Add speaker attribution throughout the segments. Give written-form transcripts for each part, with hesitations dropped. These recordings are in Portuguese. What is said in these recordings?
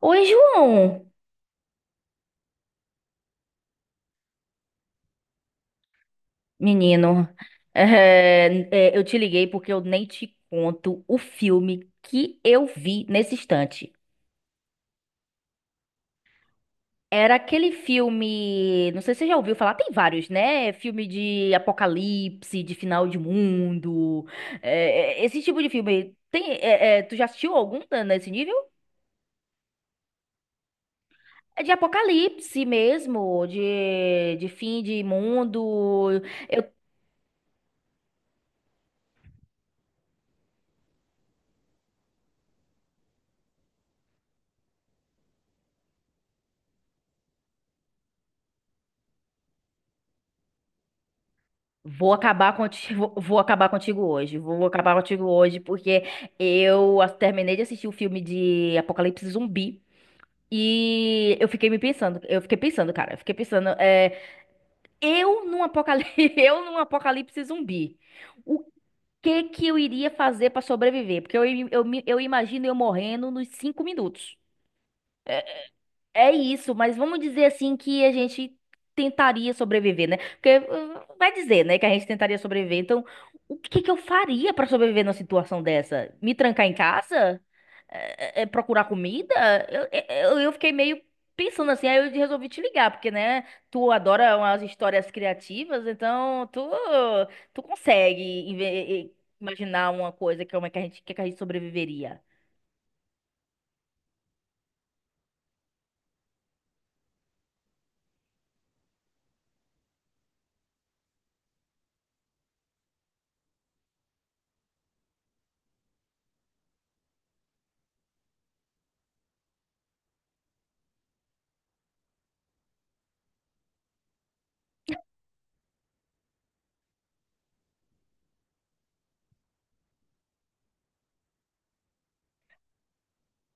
Speaker 1: Oi, João, menino. É, eu te liguei porque eu nem te conto o filme que eu vi nesse instante. Era aquele filme, não sei se você já ouviu falar, tem vários, né? Filme de apocalipse, de final de mundo, esse tipo de filme. Tem, tu já assistiu algum tá, nesse nível? É de apocalipse mesmo, de fim de mundo. Vou acabar contigo, vou acabar contigo hoje. Vou acabar contigo hoje porque eu terminei de assistir o filme de Apocalipse Zumbi e eu fiquei pensando, cara, eu fiquei pensando, é, eu num apocalipse, eu num apocalipse zumbi, o que que eu iria fazer pra sobreviver? Porque eu imagino eu morrendo nos 5 minutos. É isso, mas vamos dizer assim que a gente tentaria sobreviver, né? Porque vai dizer, né, que a gente tentaria sobreviver. Então, o que que eu faria pra sobreviver numa situação dessa? Me trancar em casa? Procurar comida? Eu, é, é, eu fiquei meio pensando assim, aí eu resolvi te ligar, porque, né, tu adora umas histórias criativas, então tu consegue inve- imaginar uma coisa como é que a gente, que é que a gente sobreviveria.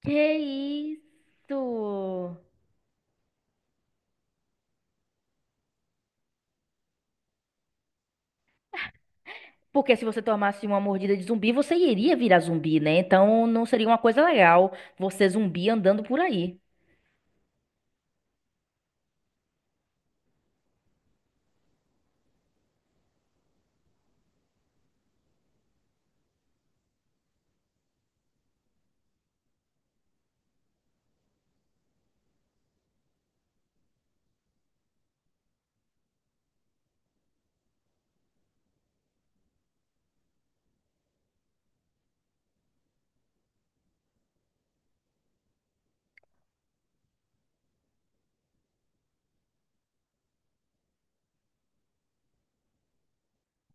Speaker 1: Que isso? Porque se você tomasse uma mordida de zumbi, você iria virar zumbi, né? Então não seria uma coisa legal você zumbi andando por aí.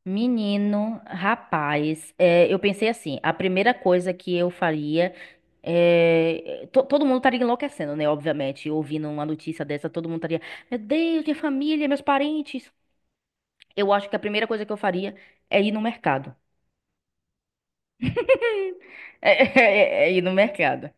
Speaker 1: Menino, rapaz, eu pensei assim, a primeira coisa que eu faria todo mundo estaria enlouquecendo, né? Obviamente, ouvindo uma notícia dessa, todo mundo estaria, meu Deus, minha família, meus parentes. Eu acho que a primeira coisa que eu faria é ir no mercado. é é ir no mercado.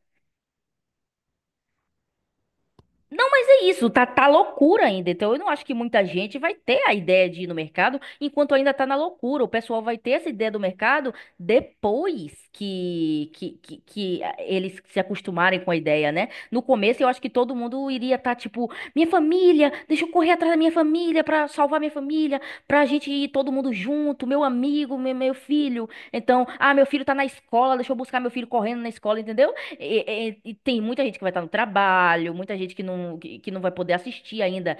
Speaker 1: Não, mas é isso, tá loucura ainda. Então, eu não acho que muita gente vai ter a ideia de ir no mercado enquanto ainda tá na loucura. O pessoal vai ter essa ideia do mercado depois que eles se acostumarem com a ideia, né? No começo, eu acho que todo mundo iria estar tipo: minha família, deixa eu correr atrás da minha família pra salvar minha família, pra gente ir todo mundo junto, meu amigo, meu filho. Então, meu filho tá na escola, deixa eu buscar meu filho correndo na escola, entendeu? E tem muita gente que vai estar no trabalho, muita gente que não vai poder assistir ainda,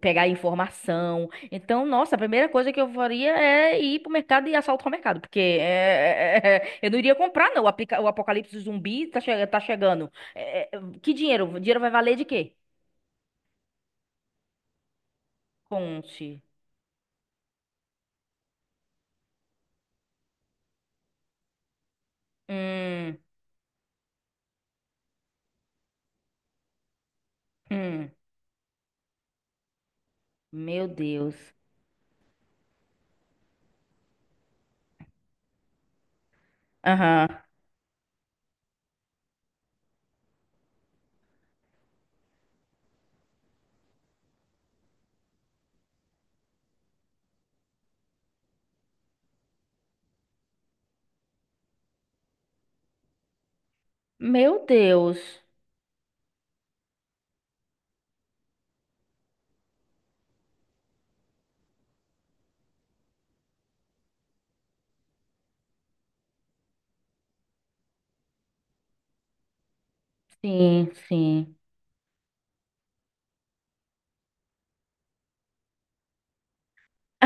Speaker 1: pegar informação. Então, nossa, a primeira coisa que eu faria é ir pro mercado e assaltar o mercado, porque eu não iria comprar, não. O apocalipse zumbi tá chegando. Que dinheiro? O dinheiro vai valer de quê? Conte. Hum. Hum. Meu Deus. Aham. Meu Deus. Sim, sim.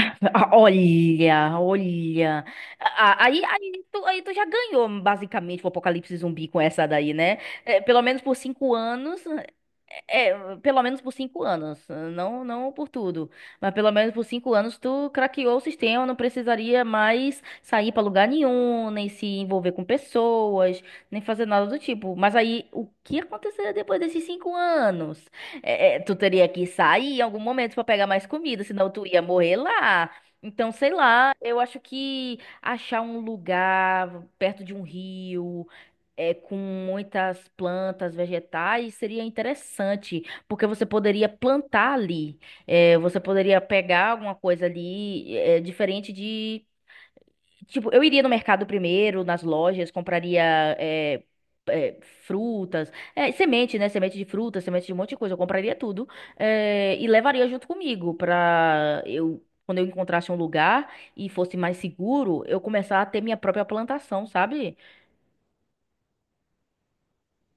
Speaker 1: Ah, olha, olha. Ah, aí tu já ganhou, basicamente, o Apocalipse Zumbi com essa daí, né? É, pelo menos por 5 anos. Pelo menos por cinco anos. Não, não por tudo. Mas pelo menos por 5 anos tu craqueou o sistema. Não precisaria mais sair pra lugar nenhum, nem se envolver com pessoas, nem fazer nada do tipo. Mas aí, o que aconteceria depois desses 5 anos? Tu teria que sair em algum momento pra pegar mais comida, senão tu ia morrer lá. Então, sei lá, eu acho que achar um lugar perto de um rio, com muitas plantas vegetais, seria interessante, porque você poderia plantar ali. Você poderia pegar alguma coisa ali, diferente de. Tipo, eu iria no mercado primeiro, nas lojas, compraria é, é, frutas, semente, né? Semente de fruta, semente de um monte de coisa. Eu compraria tudo e levaria junto comigo pra eu, quando eu encontrasse um lugar e fosse mais seguro, eu começar a ter minha própria plantação, sabe?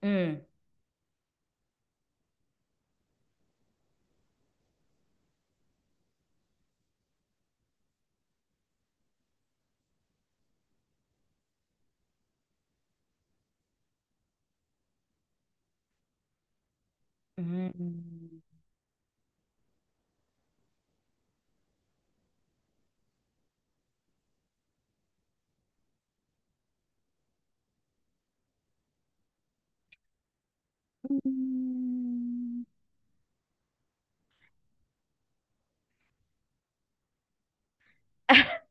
Speaker 1: Hum. Hum.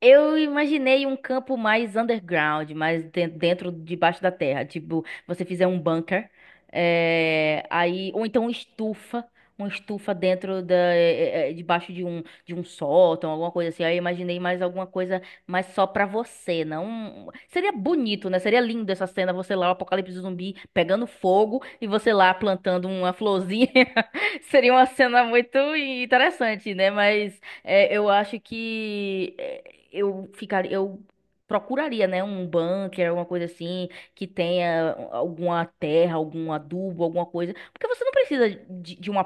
Speaker 1: Eu imaginei um campo mais underground, mais dentro, debaixo da terra. Tipo, você fizer um bunker, aí, ou então uma estufa dentro da, debaixo de um sótão, alguma coisa assim. Aí eu imaginei mais alguma coisa, mas só pra você, não. Seria bonito, né? Seria lindo essa cena, você lá, o apocalipse zumbi pegando fogo e você lá plantando uma florzinha. Seria uma cena muito interessante, né? Mas é, eu acho que é, eu ficaria, eu procuraria, né, um bunker, alguma coisa assim, que tenha alguma terra, algum adubo, alguma coisa, porque você não precisa de, de uma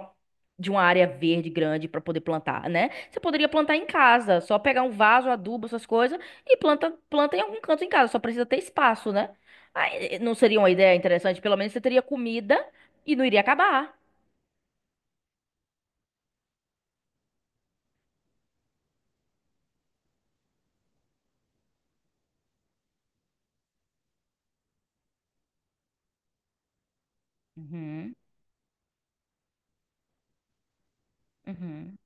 Speaker 1: de uma área verde grande para poder plantar, né? Você poderia plantar em casa, só pegar um vaso, adubo, essas coisas e planta em algum canto em casa, só precisa ter espaço, né? Aí, não seria uma ideia interessante? Pelo menos você teria comida e não iria acabar. Uhum, uhum.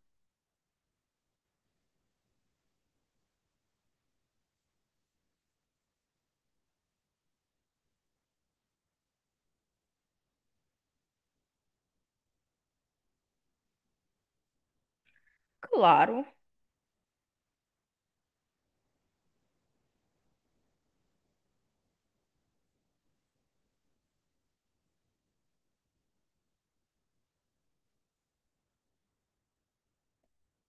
Speaker 1: Claro.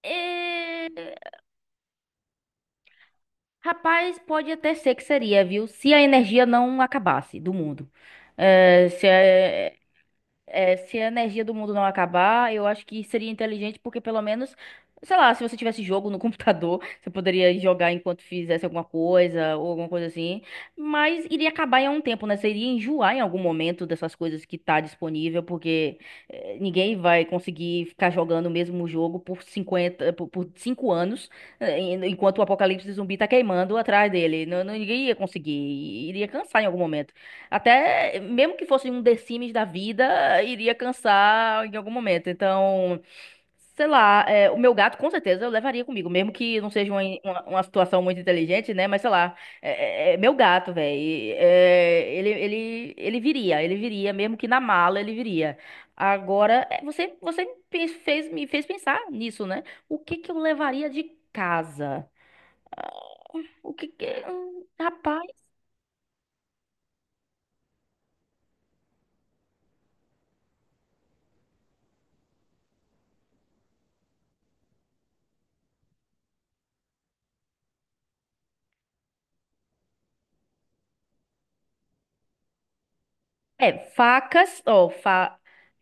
Speaker 1: É, Rapaz, pode até ser que seria, viu? Se a energia não acabasse do mundo. É, se é- é, se a energia do mundo não acabar, eu acho que seria inteligente, porque pelo menos, sei lá, se você tivesse jogo no computador, você poderia jogar enquanto fizesse alguma coisa ou alguma coisa assim. Mas iria acabar em algum tempo, né? Você iria enjoar em algum momento dessas coisas que tá disponível, porque ninguém vai conseguir ficar jogando o mesmo jogo por 50, por 5 anos, enquanto o apocalipse zumbi tá queimando atrás dele. Não, ninguém ia conseguir, iria cansar em algum momento. Até mesmo que fosse um The Sims da vida, iria cansar em algum momento. Então, sei lá, o meu gato com certeza eu levaria comigo, mesmo que não seja uma situação muito inteligente, né? Mas sei lá, é meu gato, velho. Ele viria, mesmo que na mala ele viria. Agora, você me fez, me fez pensar nisso, né? O que que eu levaria de casa? O que que. Facas, ó,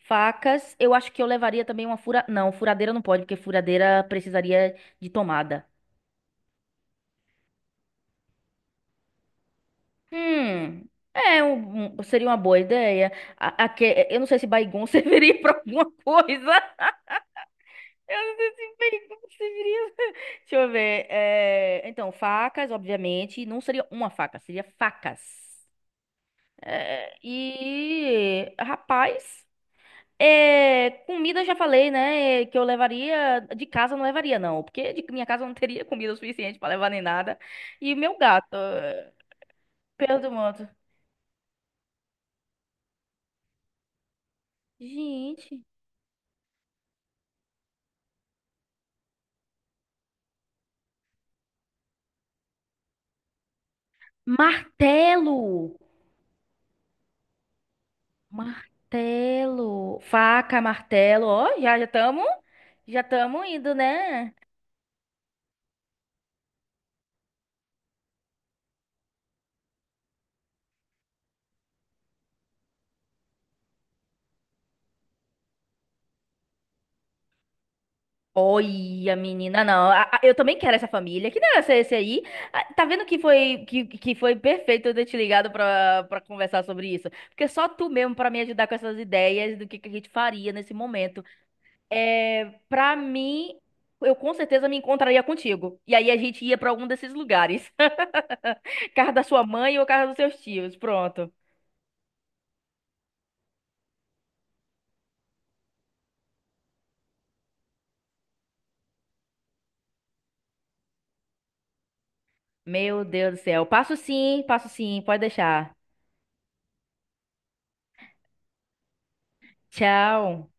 Speaker 1: facas, eu acho que eu levaria também Não, furadeira não pode, porque furadeira precisaria de tomada. Hum, seria uma boa ideia. Eu não sei se Baygon serviria pra alguma coisa. Eu não sei se Baygon serviria. Deixa eu ver. Então, facas, obviamente, não seria uma faca, seria facas. E, rapaz. Comida eu já falei, né? Que eu levaria de casa eu não levaria não, porque de minha casa eu não teria comida o suficiente pra levar nem nada. E meu gato, pelo do mundo. Gente, martelo, martelo, faca, martelo, ó, já já estamos indo, né? Olha, menina, não. Eu também quero essa família. Que negócio é esse aí? Ah, tá vendo que foi perfeito eu ter te ligado pra, conversar sobre isso? Porque só tu mesmo pra me ajudar com essas ideias do que a gente faria nesse momento. Pra mim, eu com certeza me encontraria contigo. E aí a gente ia pra algum desses lugares. Casa da sua mãe ou casa dos seus tios. Pronto. Meu Deus do céu. Passo sim, passo sim. Pode deixar. Tchau.